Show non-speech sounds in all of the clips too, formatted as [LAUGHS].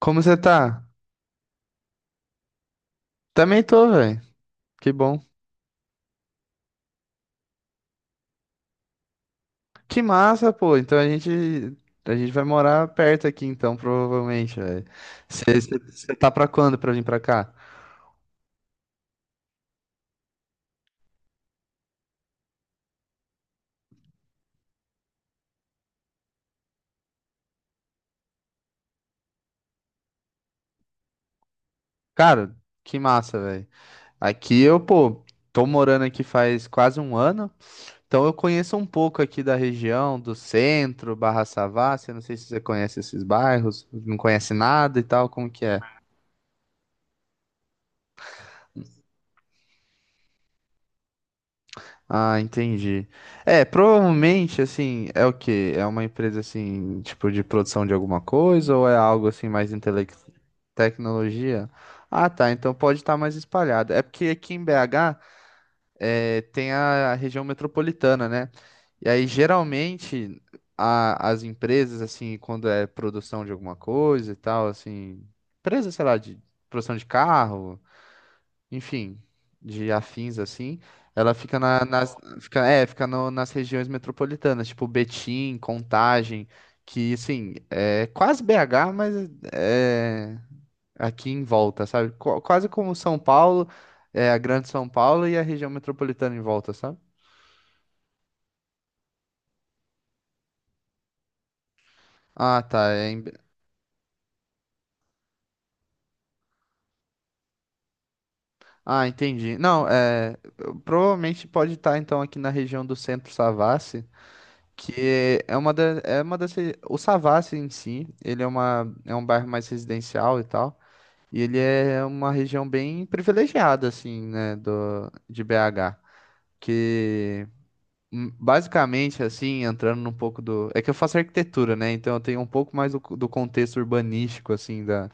Como você tá? Também tô, velho. Que bom. Que massa, pô. Então a gente vai morar perto aqui então, provavelmente, velho. Você tá pra quando pra vir pra cá? Cara, que massa, velho. Aqui eu, pô, tô morando aqui faz quase um ano, então eu conheço um pouco aqui da região, do centro, Barra Savassi, eu não sei se você conhece esses bairros, não conhece nada e tal, como que é? Ah, entendi. É, provavelmente, assim, é o quê? É uma empresa, assim, tipo, de produção de alguma coisa ou é algo, assim, mais tecnologia? Ah, tá, então pode estar mais espalhado. É porque aqui em BH é, tem a região metropolitana, né? E aí, geralmente, as empresas, assim, quando é produção de alguma coisa e tal, assim, empresa, sei lá, de produção de carro, enfim, de afins assim, ela fica, é, fica nas regiões metropolitanas, tipo Betim, Contagem, que assim, é quase BH, mas é aqui em volta, sabe? Quase como São Paulo, é a Grande São Paulo e a região metropolitana em volta, sabe? Ah, tá. Ah, entendi. Não, é, provavelmente pode estar então aqui na região do Centro Savassi. Que é uma é uma o Savassi em si, ele é uma, é um bairro mais residencial e tal, e ele é uma região bem privilegiada, assim, né, do, de BH, que basicamente, assim, entrando num pouco do, é que eu faço arquitetura, né, então eu tenho um pouco mais do, do contexto urbanístico, assim, da,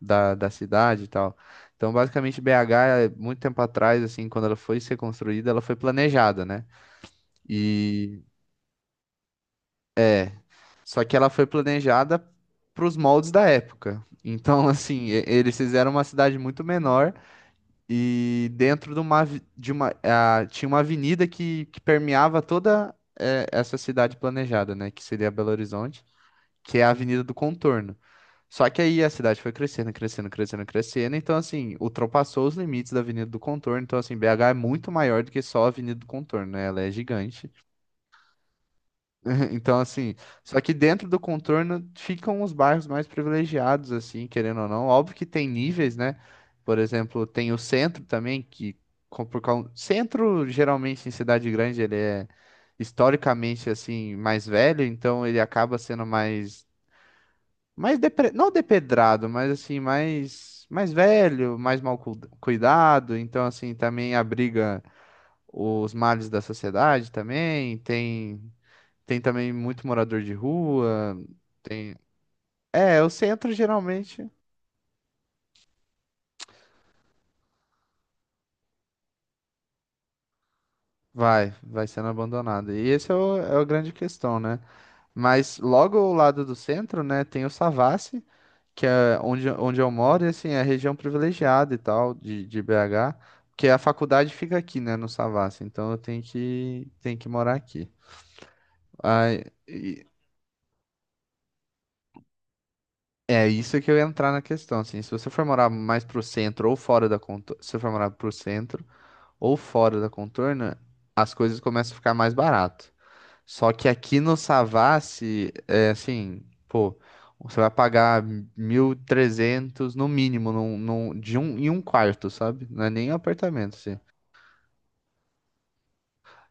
da, da cidade e tal, então basicamente BH, é, muito tempo atrás, assim, quando ela foi ser construída, ela foi planejada, né, e só que ela foi planejada para os moldes da época. Então, [LAUGHS] assim, eles fizeram uma cidade muito menor e dentro de uma, ah, tinha uma avenida que permeava toda eh, essa cidade planejada, né? Que seria Belo Horizonte, que é a Avenida do Contorno. Só que aí a cidade foi crescendo. Então, assim, ultrapassou os limites da Avenida do Contorno. Então, assim, BH é muito maior do que só a Avenida do Contorno, né? Ela é gigante. [LAUGHS] Então, assim, só que dentro do contorno ficam os bairros mais privilegiados, assim, querendo ou não. Óbvio que tem níveis, né? Por exemplo, tem o centro também, que por causa... Centro, geralmente, em cidade grande, ele é historicamente, assim, mais velho, então ele acaba sendo mais... mais não depedrado, mas, assim, mais... mais velho, mais mal cuidado. Então, assim, também abriga os males da sociedade também. Tem... Tem também muito morador de rua. Tem. É, o centro geralmente vai sendo abandonado. E esse é o, é a grande questão, né? Mas logo ao lado do centro, né, tem o Savassi, que é onde eu moro, e assim, é a região privilegiada e tal, de BH, porque a faculdade fica aqui, né, no Savassi, então tenho que morar aqui. Aí, e- É isso que eu ia entrar na questão, assim, se você for morar mais pro centro ou fora da conta, se você for morar pro centro, ou fora da contorna, as coisas começam a ficar mais barato. Só que aqui no Savassi, é assim, pô, você vai pagar 1.300 no mínimo em um quarto, sabe? Não é nem apartamento, assim.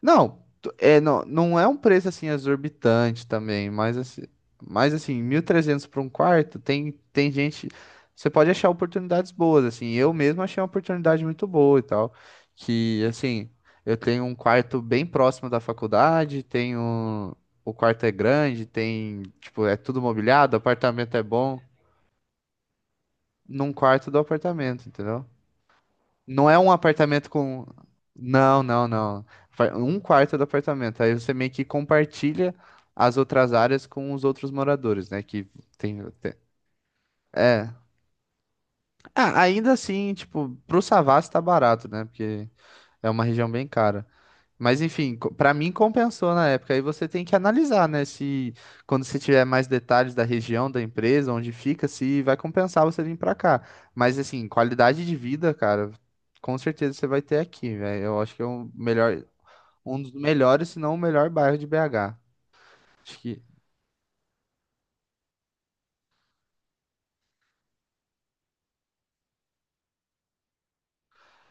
Não, é, não é um preço assim exorbitante também, mas assim, 1.300 para um quarto, tem você pode achar oportunidades boas, assim. Eu mesmo achei uma oportunidade muito boa e tal, que assim, eu tenho um quarto bem próximo da faculdade, tenho o quarto é grande, tem, tipo, é tudo mobiliado, o apartamento é bom, num quarto do apartamento, entendeu? Não é um apartamento com. Não, não, não. Um quarto do apartamento. Aí você meio que compartilha as outras áreas com os outros moradores, né? Que tem. tem- é. Ah, ainda assim, tipo, pro Savassi tá barato, né? Porque é uma região bem cara. Mas enfim, pra mim compensou na época. Aí você tem que analisar, né? Se quando você tiver mais detalhes da região, da empresa, onde fica, se vai compensar você vir pra cá. Mas assim, qualidade de vida, cara, com certeza você vai ter aqui, velho. Eu acho que é um dos melhores, se não o melhor bairro de BH. Acho que,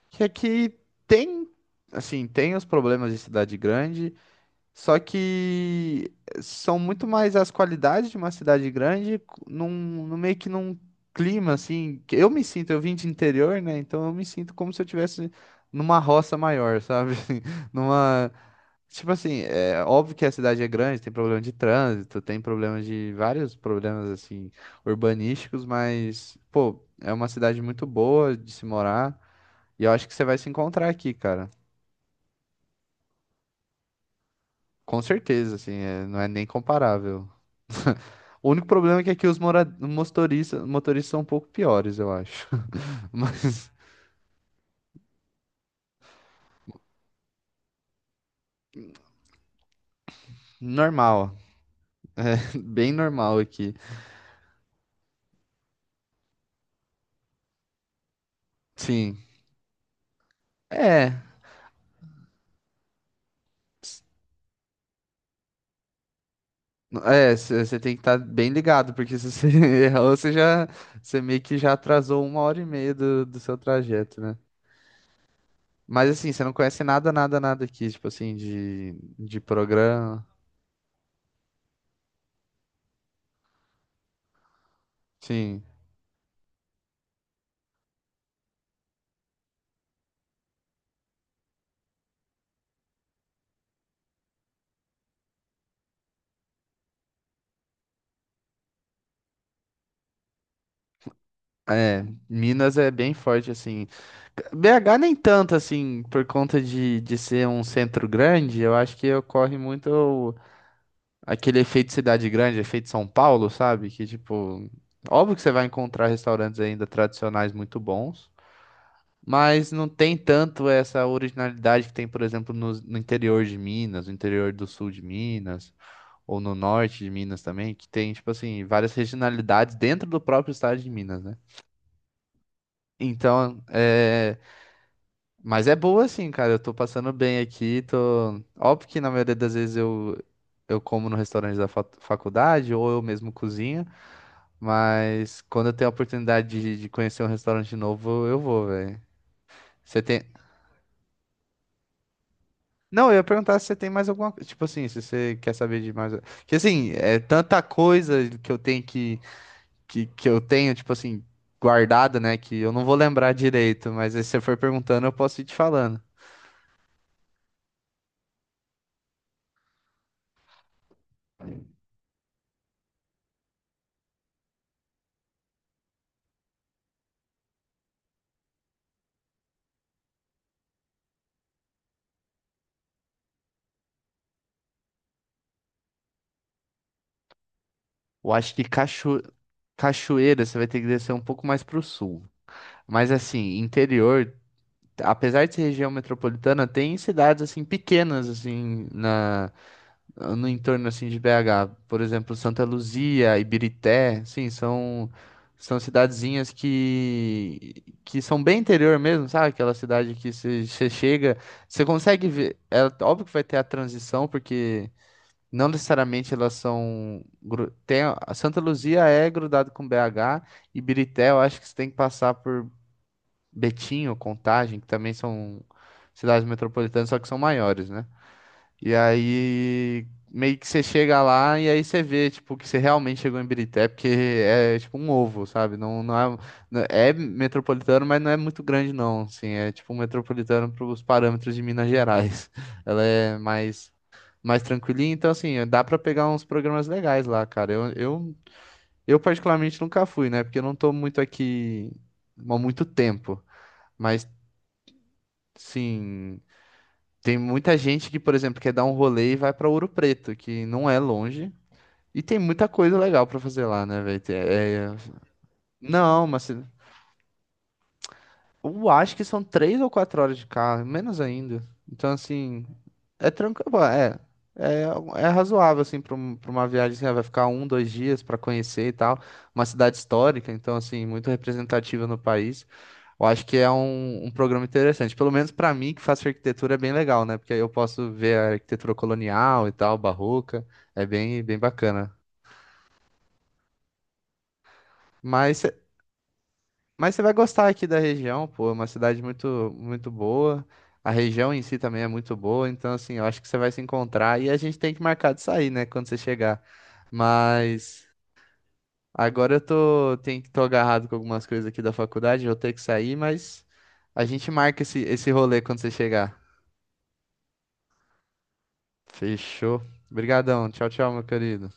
que aqui tem, assim, tem os problemas de cidade grande, só que são muito mais as qualidades de uma cidade grande num, num clima assim, que eu me sinto, eu vim de interior, né? Então eu me sinto como se eu tivesse numa roça maior, sabe? [LAUGHS] Numa, tipo assim, é óbvio que a cidade é grande, tem problema de trânsito, tem problema de vários problemas assim urbanísticos, mas pô, é uma cidade muito boa de se morar e eu acho que você vai se encontrar aqui, cara. Com certeza, assim, não é nem comparável. O único problema é que aqui os motoristas, motoristas são um pouco piores, eu acho. [LAUGHS] Mas normal, [LAUGHS] bem normal aqui. Sim. É, você tem que estar bem ligado, porque se você [LAUGHS] errou, você já, você meio que já atrasou 1 hora e meia do seu trajeto, né? Mas assim, você não conhece nada aqui, tipo assim, de programa. Sim. É, Minas é bem forte, assim. BH nem tanto assim, por conta de ser um centro grande, eu acho que ocorre muito aquele efeito cidade grande, efeito São Paulo, sabe? Que tipo, óbvio que você vai encontrar restaurantes ainda tradicionais muito bons, mas não tem tanto essa originalidade que tem, por exemplo, no interior de Minas, no interior do sul de Minas, ou no norte de Minas também, que tem, tipo assim, várias regionalidades dentro do próprio estado de Minas, né? Então, é. Mas é boa assim, cara. Eu tô passando bem aqui. Tô... Óbvio que na maioria das vezes eu como no restaurante da faculdade ou eu mesmo cozinho. Mas quando eu tenho a oportunidade de conhecer um restaurante novo, eu vou, velho. Você tem. Não, eu ia perguntar se você tem mais alguma coisa. Tipo assim, se você quer saber de mais. Porque assim, é tanta coisa que que eu tenho, tipo assim, guardada, né? Que eu não vou lembrar direito. Mas aí se você for perguntando, eu posso ir te falando. Eu acho que cacho... Cachoeira, você vai ter que descer um pouco mais para o sul. Mas assim, interior, apesar de ser região metropolitana, tem cidades assim pequenas assim na no entorno assim de BH, por exemplo, Santa Luzia, Ibirité, sim, são cidadezinhas que são bem interior mesmo, sabe? Aquela cidade que você chega, você consegue ver, é óbvio que vai ter a transição porque não necessariamente elas são. A Santa Luzia é grudado com BH e Birité, eu acho que você tem que passar por Betim ou Contagem, que também são cidades metropolitanas, só que são maiores, né? E aí meio que você chega lá e aí você vê, tipo, que você realmente chegou em Birité, porque é tipo um ovo, sabe? É metropolitano, mas não é muito grande, não. Assim, é tipo um metropolitano para os parâmetros de Minas Gerais. [LAUGHS] Ela é mais tranquilinho. Então, assim, dá pra pegar uns programas legais lá, cara. Eu particularmente nunca fui, né? Porque eu não tô muito aqui há muito tempo. Mas, sim, tem muita gente que, por exemplo, quer dar um rolê e vai pra Ouro Preto, que não é longe. E tem muita coisa legal pra fazer lá, né, velho? Não, mas eu acho que são 3 ou 4 horas de carro, menos ainda. Então, assim, é é, é razoável, assim, para uma viagem, assim, ah, vai ficar um, 2 dias para conhecer e tal. Uma cidade histórica, então, assim, muito representativa no país. Eu acho que é um programa interessante. Pelo menos para mim, que faço arquitetura, é bem legal, né? Porque aí eu posso ver a arquitetura colonial e tal, barroca. É bem bacana. Mas Mas você vai gostar aqui da região, pô, é uma cidade muito, muito boa. A região em si também é muito boa, então assim, eu acho que você vai se encontrar e a gente tem que marcar de sair, né, quando você chegar. Mas agora tô agarrado com algumas coisas aqui da faculdade, eu vou ter que sair, mas a gente marca esse rolê quando você chegar. Fechou. Obrigadão. Tchau, tchau, meu querido.